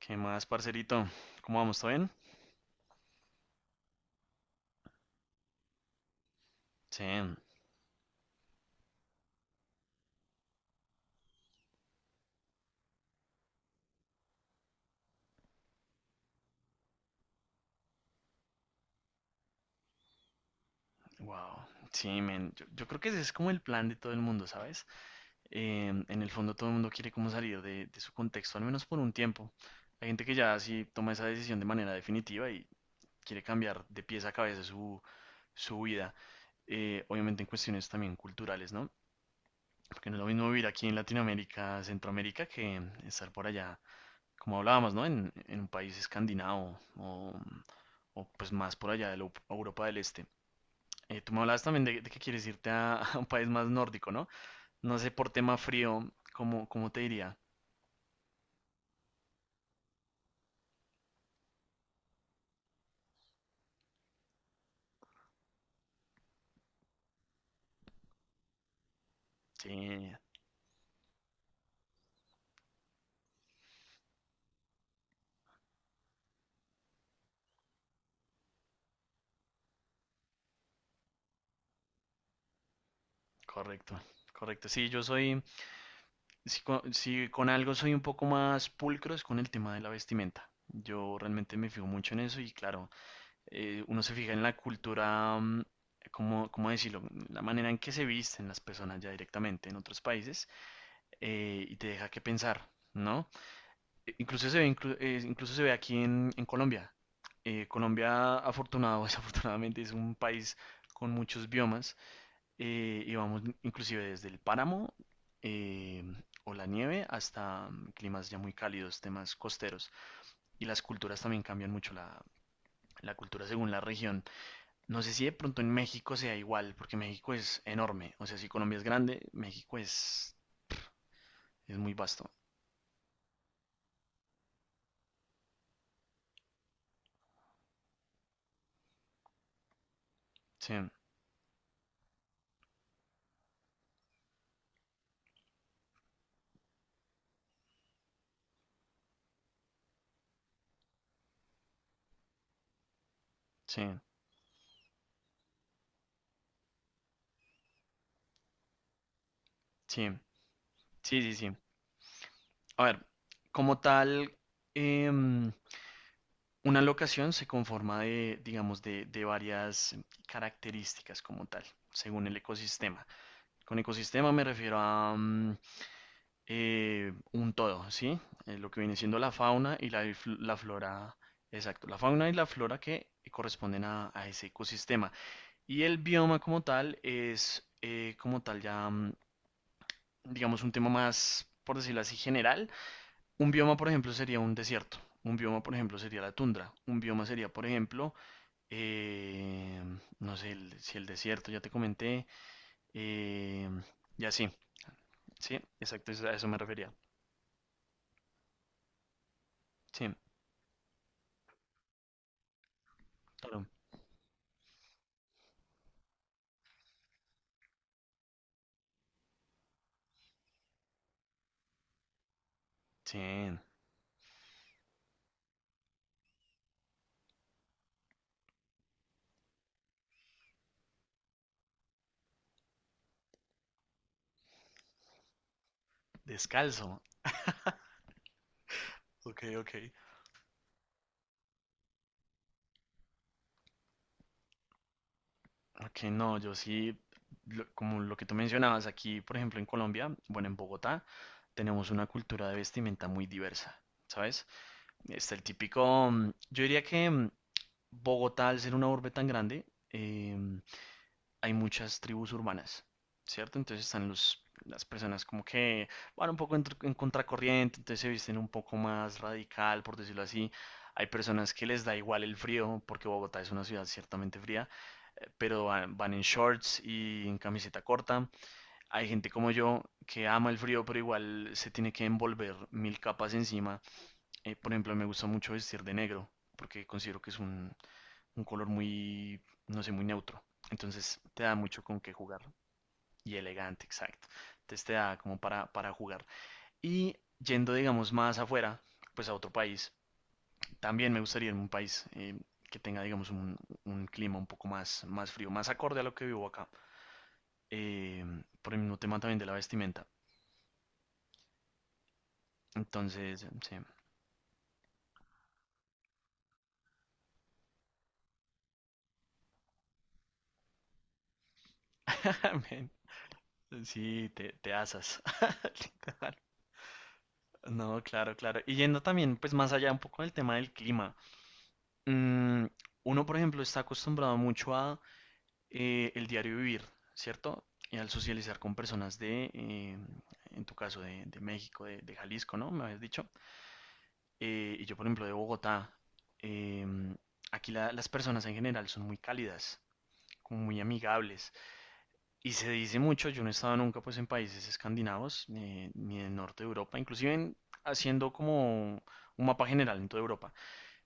¿Qué más, parcerito? ¿Cómo vamos? ¿Todo bien? Sí, wow. Sí, men. Yo creo que ese es como el plan de todo el mundo, ¿sabes? En el fondo todo el mundo quiere como salir de su contexto, al menos por un tiempo. Hay gente que ya sí toma esa decisión de manera definitiva y quiere cambiar de pies a cabeza su vida. Obviamente en cuestiones también culturales, ¿no? Porque no es lo mismo vivir aquí en Latinoamérica, Centroamérica, que estar por allá como hablábamos, ¿no? En un país escandinavo o, pues más por allá de la Europa del Este. Tú me hablabas también de que quieres irte a, a un país más nórdico, ¿no? No sé, por tema frío, cómo te diría? Sí, correcto, correcto. Sí, yo soy, si con algo soy un poco más pulcro es con el tema de la vestimenta. Yo realmente me fijo mucho en eso y claro, uno se fija en la cultura, cómo decirlo? La manera en que se visten las personas ya directamente en otros países y te deja que pensar, ¿no? Incluso se ve aquí en Colombia. Colombia, afortunado o desafortunadamente, es un país con muchos biomas y vamos inclusive desde el páramo eh, o la nieve hasta climas ya muy cálidos, temas costeros. Y las culturas también cambian mucho la cultura según la región. No sé si de pronto en México sea igual, porque México es enorme. O sea, si Colombia es grande, México es muy vasto. Sí, sí, sí, sí, sí, sí. A ver, como tal, em, una locación se conforma de, digamos, de varias características como tal, según el ecosistema. Con ecosistema me refiero a, un todo, ¿sí? Lo que viene siendo la fauna y la flora, exacto, la fauna y la flora que corresponden a ese ecosistema. Y el bioma como tal es como tal ya, digamos, un tema más, por decirlo así, general. Un bioma, por ejemplo, sería un desierto. Un bioma, por ejemplo, sería la tundra. Un bioma sería, por ejemplo, eh, no sé, si el desierto, ya te comenté, eh, y así, ¿sí? Exacto, a eso me refería. Sí, claro. Sí. Descalzo. Ok, ok. Ok, no, yo sí, como lo que tú mencionabas aquí, por ejemplo, en Colombia, bueno, en Bogotá, tenemos una cultura de vestimenta muy diversa, ¿sabes? Está el típico, mm, yo diría que mm, Bogotá, al ser una urbe tan grande, em, hay muchas tribus urbanas, ¿cierto? Entonces están las personas como que van un poco en contracorriente, entonces se visten un poco más radical, por decirlo así. Hay personas que les da igual el frío, porque Bogotá es una ciudad ciertamente fría, pero van, van en shorts y en camiseta corta. Hay gente como yo que ama el frío, pero igual se tiene que envolver mil capas encima. Por ejemplo, me gusta mucho vestir de negro, porque considero que es un color muy, no sé, muy neutro. Entonces te da mucho con qué jugar. Y elegante, exacto. Entonces te da como para jugar. Y yendo, digamos, más afuera, pues a otro país, también me gustaría irme a un país que tenga, digamos, un clima un poco más, más frío, más acorde a lo que vivo acá. Eh, por el mismo tema también de la vestimenta. Entonces, sí, Men, sí, te asas. No, claro, claro. Y yendo también, pues más allá un poco del tema del clima, mm, uno, por ejemplo, está acostumbrado mucho a el diario vivir, ¿cierto? Y al socializar con personas de, en tu caso, de México, de Jalisco, ¿no? Me habías dicho. Y yo, por ejemplo, de Bogotá. Em, aquí las personas en general son muy cálidas, como muy amigables. Y se dice mucho, yo no he estado nunca pues en países escandinavos, ni en el norte de Europa, inclusive haciendo como un mapa general en toda Europa.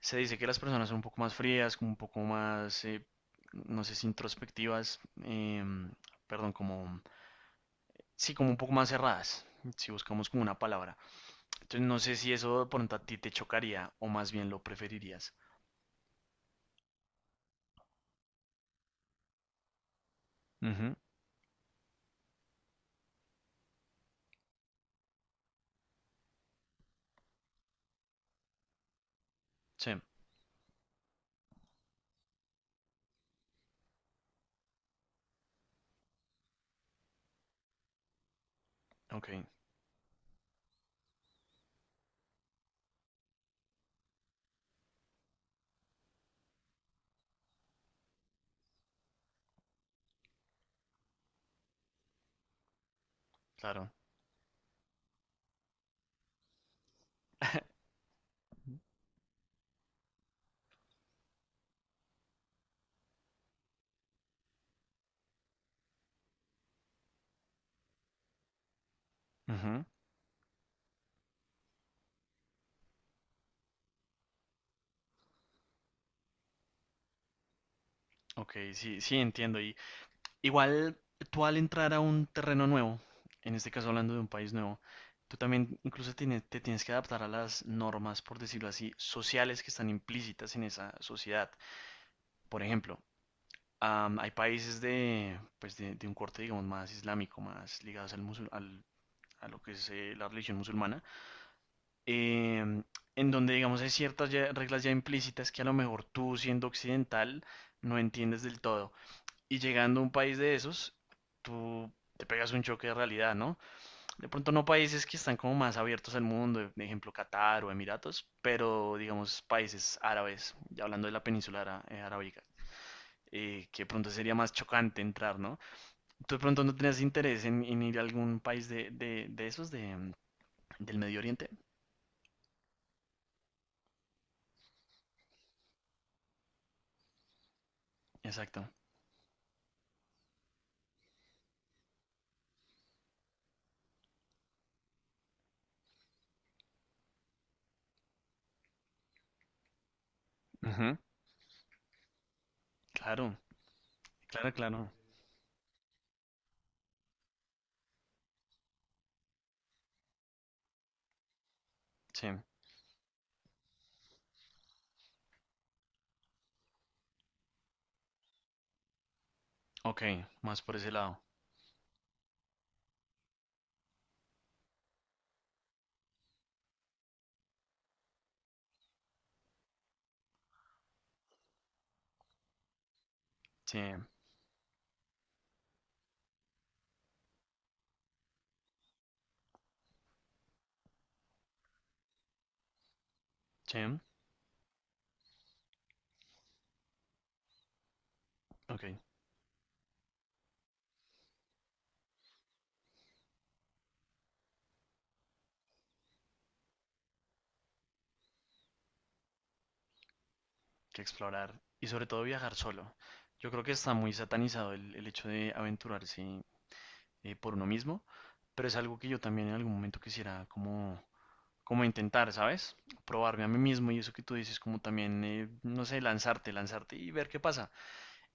Se dice que las personas son un poco más frías, como un poco más, no sé si introspectivas, perdón, como, sí, como un poco más cerradas, si buscamos como una palabra. Entonces no sé si eso de pronto a ti te chocaría o más bien lo preferirías. Ujú, sí, ok, claro. Ujú, ok, sí, sí, entiendo. Y igual tú al entrar a un terreno nuevo, en este caso hablando de un país nuevo, tú también incluso te tienes que adaptar a las normas, por decirlo así, sociales que están implícitas en esa sociedad. Por ejemplo, hay países de, pues de un corte, digamos, más islámico, más ligados al a lo que es la religión musulmana, em, en donde, digamos, hay ciertas reglas ya implícitas que a lo mejor tú siendo occidental no entiendes del todo. Y llegando a un país de esos, tú te pegas un choque de realidad, ¿no? De pronto no países que están como más abiertos al mundo, por ejemplo Qatar o Emiratos, pero digamos países árabes, ya hablando de la península arábica, que de pronto sería más chocante entrar, ¿no? ¿Tú de pronto no tenías interés en ir a algún país de esos, de, del Medio Oriente? Exacto. Ujú. Claro, claro, claro. Sí. Ok, más por ese lado. Sí, sí. Ok. Que explorar y sobre todo viajar solo. Yo creo que está muy satanizado el hecho de aventurarse por uno mismo, pero es algo que yo también en algún momento quisiera como, como intentar, ¿sabes? Probarme a mí mismo y eso que tú dices, como también, no sé, lanzarte, lanzarte y ver qué pasa.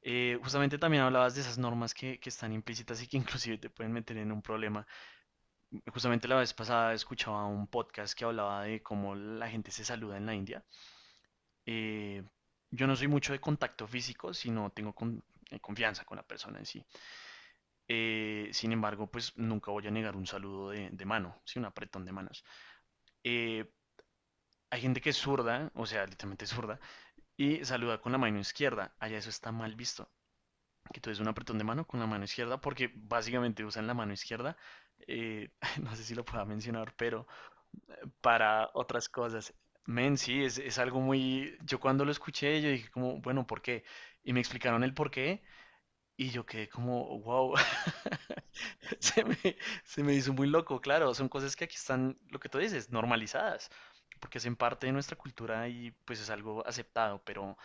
Justamente también hablabas de esas normas que están implícitas y que inclusive te pueden meter en un problema. Justamente la vez pasada escuchaba un podcast que hablaba de cómo la gente se saluda en la India eh, yo no soy mucho de contacto físico, sino tengo confianza con la persona en sí. Sin embargo, pues nunca voy a negar un saludo de mano, sí, un apretón de manos. Eh, hay gente que es zurda, o sea, literalmente es zurda, y saluda con la mano izquierda. Allá eso está mal visto. Que tú des un apretón de mano con la mano izquierda, porque básicamente usan la mano izquierda. Eh, no sé si lo pueda mencionar, pero para otras cosas. Men, sí, es algo muy... Yo cuando lo escuché, yo dije como, bueno, ¿por qué? Y me explicaron el por qué y yo quedé como, wow, se me, se me hizo muy loco, claro, son cosas que aquí están, lo que tú dices, normalizadas, porque hacen parte de nuestra cultura y pues es algo aceptado, pero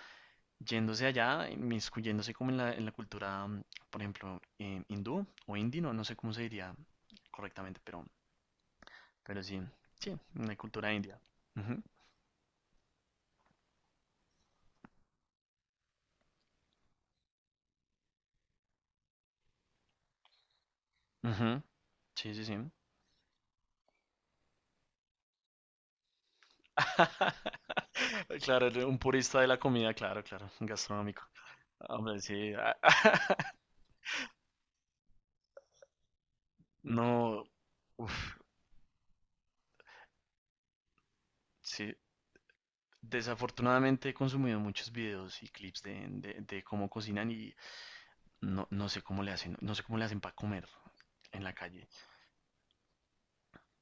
yéndose allá, inmiscuyéndose como en en la cultura, mm, por ejemplo, hindú o indino, no no sé cómo se diría correctamente, pero sí, sí, en la cultura india. Ujú. Sí, sí, sí. Claro, un purista de la comida, claro, claro, un gastronómico. Hombre, sí. No, uf, sí. Desafortunadamente he consumido muchos videos y clips de cómo cocinan y no, no sé cómo le hacen, no sé cómo le hacen para comer en la calle.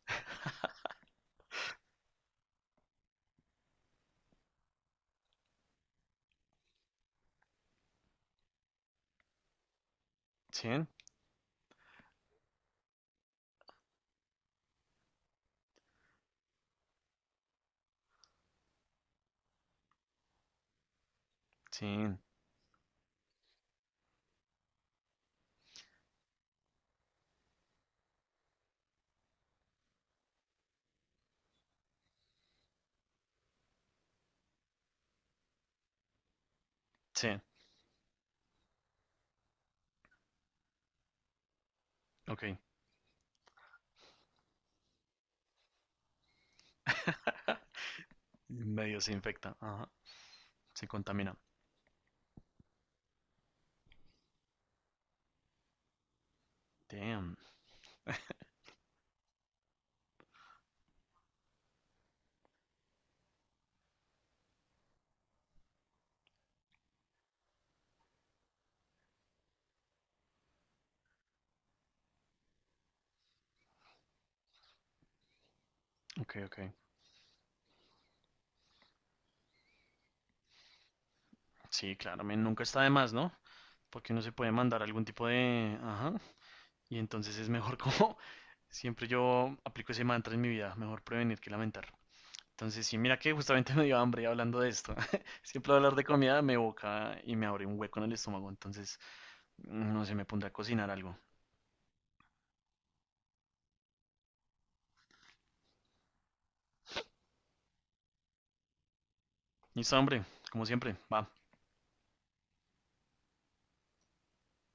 Sí, sí, sí, ok. Medio se infecta, ajá, se contamina. Damn, ok, ok. Sí, claro, men, nunca está de más, ¿no? Porque uno se puede mandar algún tipo de... Ajá. Y entonces es mejor como... Siempre yo aplico ese mantra en mi vida, mejor prevenir que lamentar. Entonces, sí, mira que justamente me dio hambre hablando de esto. Siempre hablar de comida me evoca y me abre un hueco en el estómago. Entonces, no sé, me pondré a cocinar algo. Listo, hombre, como siempre, va.